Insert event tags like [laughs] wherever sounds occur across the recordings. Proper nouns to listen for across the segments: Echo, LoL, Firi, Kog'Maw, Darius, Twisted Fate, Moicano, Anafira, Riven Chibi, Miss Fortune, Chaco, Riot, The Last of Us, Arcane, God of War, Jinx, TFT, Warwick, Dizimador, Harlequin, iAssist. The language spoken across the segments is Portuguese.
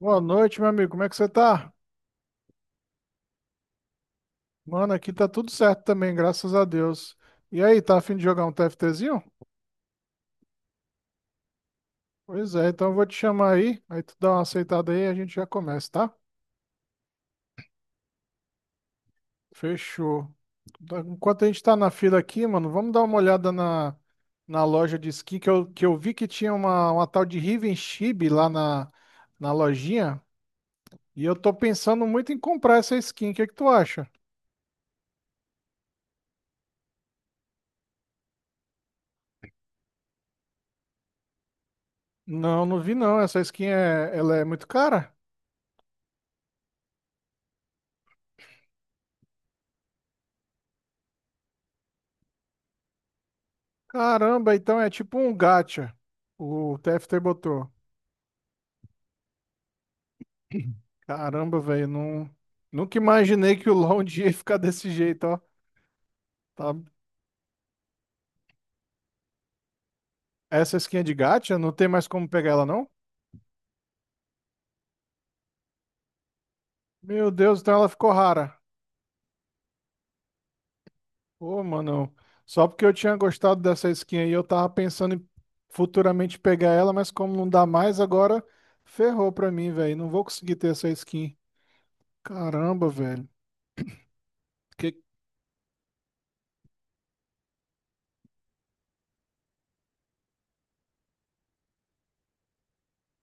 Boa noite, meu amigo. Como é que você tá? Mano, aqui tá tudo certo também, graças a Deus. E aí, tá a fim de jogar um TFTzinho? Pois é, então eu vou te chamar aí, aí tu dá uma aceitada aí e a gente já começa, tá? Fechou. Enquanto a gente tá na fila aqui, mano, vamos dar uma olhada na loja de skin que eu vi que tinha uma tal de Riven Chibi lá na lojinha. E eu tô pensando muito em comprar essa skin. O que é que tu acha? Não, não vi não. Essa skin ela é muito cara? Caramba, então é tipo um gacha. O TFT botou. Caramba, velho, não, nunca imaginei que o LoL um dia ia ficar desse jeito, ó. Tá. Essa skin é de gacha? Não tem mais como pegar ela, não? Meu Deus, então ela ficou rara. Ô, mano, só porque eu tinha gostado dessa skin aí, eu tava pensando em futuramente pegar ela, mas como não dá mais agora, ferrou pra mim, velho. Não vou conseguir ter essa skin. Caramba, velho. Que...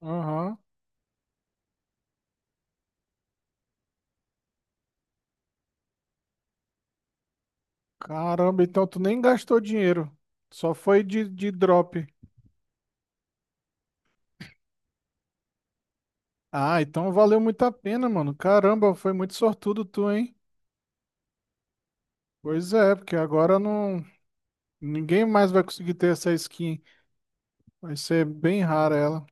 Aham. Caramba, então tu nem gastou dinheiro. Só foi de drop. Ah, então valeu muito a pena, mano. Caramba, foi muito sortudo tu, hein? Pois é, porque agora não. Ninguém mais vai conseguir ter essa skin. Vai ser bem rara ela.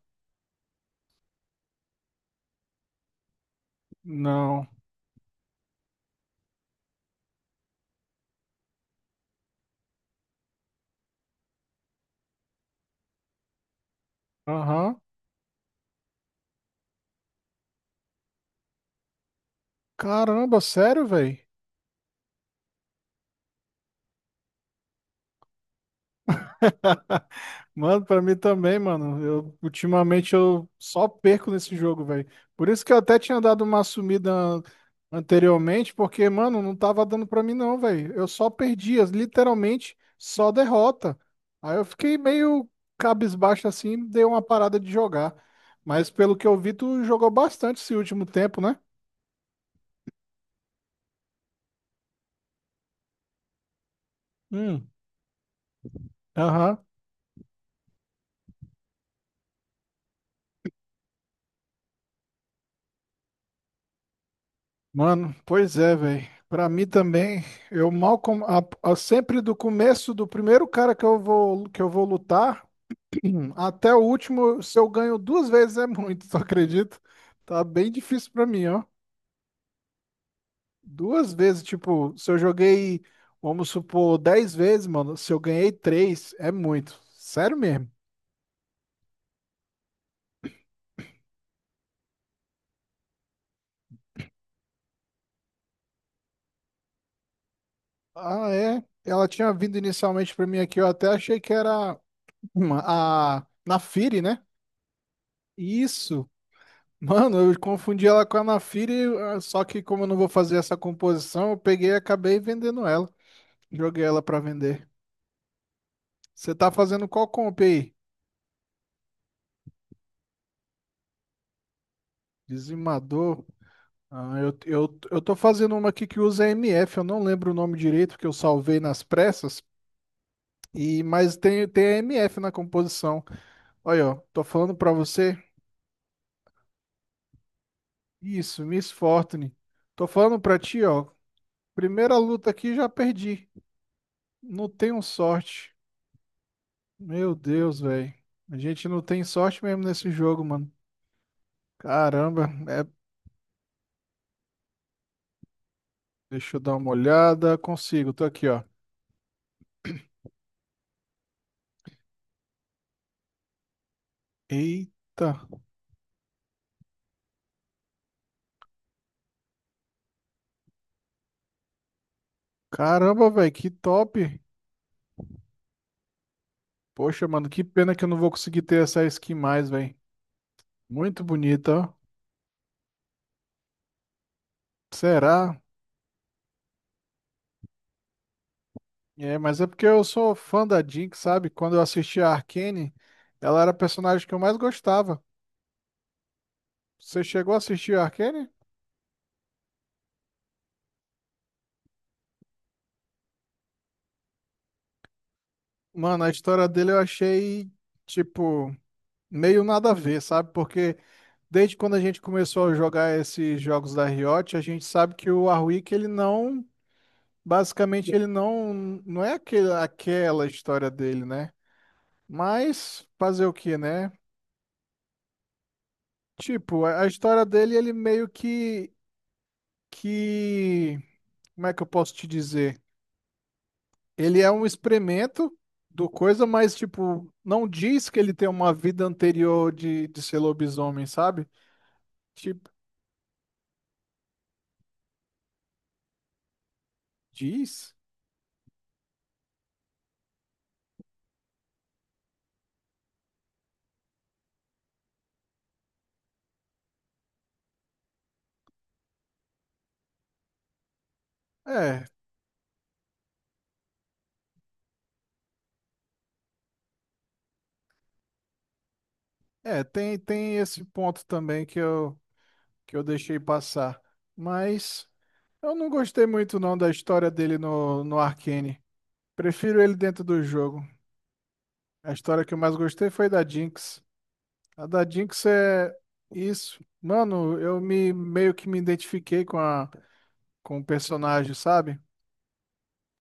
Não. Aham. Caramba, sério, velho? [laughs] Mano, pra mim também, mano. Eu ultimamente eu só perco nesse jogo, velho. Por isso que eu até tinha dado uma sumida anteriormente, porque, mano, não tava dando pra mim não, velho. Eu só perdia, literalmente só derrota. Aí eu fiquei meio cabisbaixo assim, dei uma parada de jogar. Mas pelo que eu vi, tu jogou bastante esse último tempo, né? Hum. Aham. Mano, pois é, velho. Pra mim também, eu mal com... a- sempre do começo do primeiro cara que eu vou lutar [clears throat] até o último, se eu ganho duas vezes é muito, [laughs] tu acredita? Tá bem difícil pra mim, ó. Duas vezes, tipo, se eu joguei, vamos supor, 10 vezes, mano, se eu ganhei três, é muito. Sério mesmo. Ah, é. Ela tinha vindo inicialmente pra mim aqui, eu até achei que era [clears throat] uma- a na Firi, né? Isso. Mano, eu confundi ela com a Anafira, e, ah, só que como eu não vou fazer essa composição, eu peguei e acabei vendendo ela. Joguei ela pra vender. Você tá fazendo qual comp aí? Dizimador. Ah, eu tô fazendo uma aqui que usa MF, eu não lembro o nome direito, porque eu salvei nas pressas, e mas tem a MF na composição. Olha, ó, tô falando pra você. Isso, Miss Fortune. Tô falando pra ti, ó. Primeira luta aqui já perdi. Não tenho sorte. Meu Deus, velho. A gente não tem sorte mesmo nesse jogo, mano. Caramba, é, deixa eu dar uma olhada. Consigo, tô aqui, ó. Eita. Caramba, velho, que top. Poxa, mano, que pena que eu não vou conseguir ter essa skin mais, velho. Muito bonita, ó. Será? É, mas é porque eu sou fã da Jinx, sabe? Quando eu assisti a Arcane, ela era a personagem que eu mais gostava. Você chegou a assistir a Arcane? Mano, a história dele eu achei, tipo, meio nada a ver, sabe? Porque. Desde quando a gente começou a jogar esses jogos da Riot, a gente sabe que o Warwick, ele não, basicamente, ele não, não é aquela história dele, né? Mas fazer o que, né? Tipo, a história dele, ele meio que, como é que eu posso te dizer? Ele é um experimento do coisa, mas, tipo, não diz que ele tem uma vida anterior de ser lobisomem, sabe? Tipo, diz? É, é, tem esse ponto também que eu deixei passar. Mas eu não gostei muito não da história dele no Arcane. Prefiro ele dentro do jogo. A história que eu mais gostei foi da Jinx. A da Jinx é isso. Mano, eu me meio que me identifiquei com o personagem, sabe?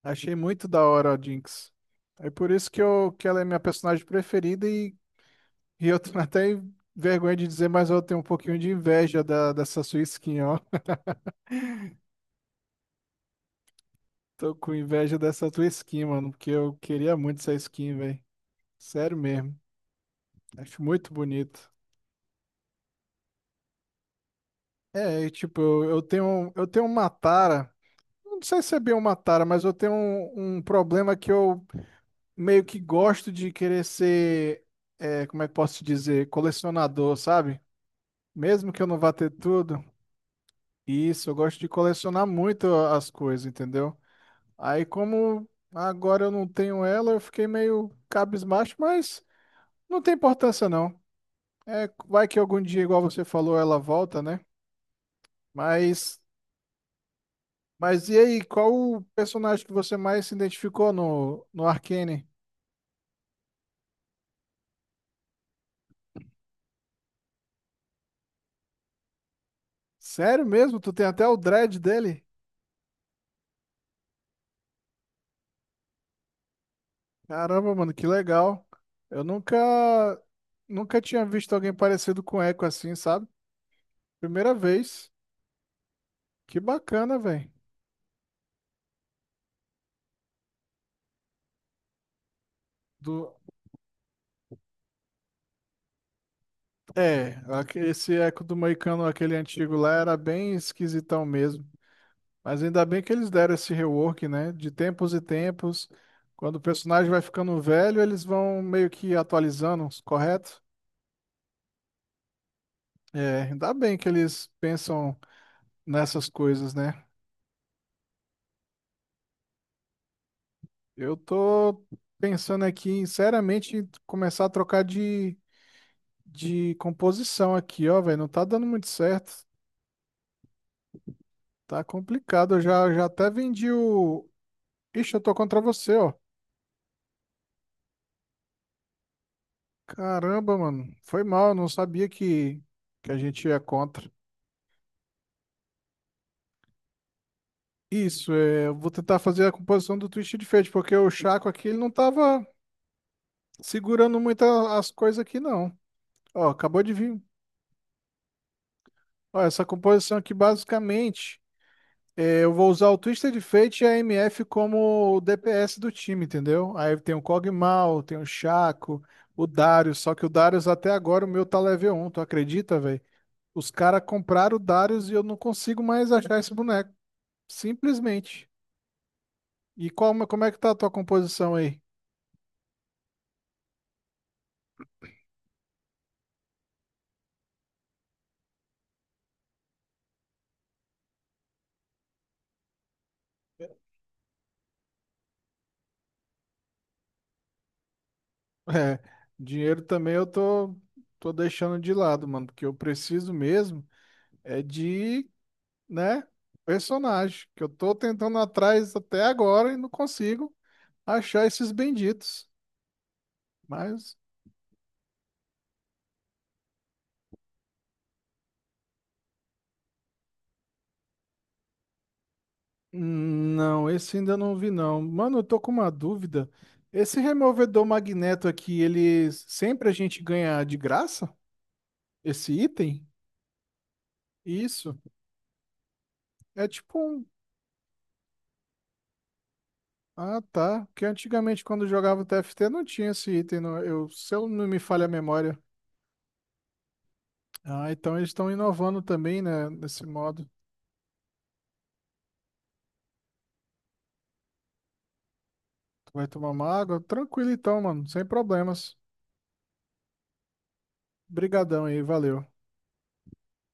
Achei muito da hora a Jinx. É por isso que ela é minha personagem preferida e eu tenho até vergonha de dizer, mas eu tenho um pouquinho de inveja dessa sua skin, ó. Tô com inveja dessa tua skin, mano, porque eu queria muito essa skin, velho. Sério mesmo. Acho muito bonito. É, e, tipo, eu tenho uma tara. Não sei se é bem uma tara, mas eu tenho um problema que eu meio que gosto de querer ser, é, como é que posso te dizer, colecionador, sabe? Mesmo que eu não vá ter tudo. Isso, eu gosto de colecionar muito as coisas, entendeu? Aí como agora eu não tenho ela, eu fiquei meio cabisbaixo, mas não tem importância não. É, vai que algum dia, igual você falou, ela volta, né? Mas, mas, e aí, qual o personagem que você mais se identificou no Arcane? Sério mesmo? Tu tem até o dread dele? Caramba, mano, que legal. Eu nunca tinha visto alguém parecido com Echo assim, sabe? Primeira vez. Que bacana, velho. Do... É, esse Echo do Moicano, aquele antigo lá, era bem esquisitão mesmo. Mas ainda bem que eles deram esse rework, né? De tempos em tempos, quando o personagem vai ficando velho, eles vão meio que atualizando, correto? É, ainda bem que eles pensam nessas coisas, né? Eu tô pensando aqui, seriamente, em começar a trocar de composição aqui, ó, velho. Não tá dando muito certo. Tá complicado. Eu já até vendi o. Ixi, eu tô contra você, ó. Caramba, mano. Foi mal, eu não sabia que a gente ia contra. Isso, é, eu vou tentar fazer a composição do Twisted Fate, porque o Chaco aqui ele não tava segurando muito as coisas aqui, não. Ó, acabou de vir. Ó, essa composição aqui, basicamente, é, eu vou usar o Twisted Fate e a MF como o DPS do time, entendeu? Aí tem o Kog'Maw, tem o Chaco, o Darius, só que o Darius até agora o meu tá level um, tu acredita, velho? Os caras compraram o Darius e eu não consigo mais achar esse boneco, simplesmente. E qual, como é que tá a tua composição aí? É, dinheiro também eu tô deixando de lado, mano, porque eu preciso mesmo é de, né, personagem, que eu tô tentando atrás até agora e não consigo achar esses benditos. Mas, não, esse ainda não vi não. Mano, eu tô com uma dúvida. Esse removedor magneto aqui, ele sempre a gente ganha de graça? Esse item? Isso. É tipo um Ah, tá. Porque antigamente, quando eu jogava TFT, não tinha esse item. Se eu não me falha a memória. Ah, então eles estão inovando também, né? Nesse modo. Tu vai tomar uma água? Tranquilo então, mano. Sem problemas. Brigadão aí, valeu.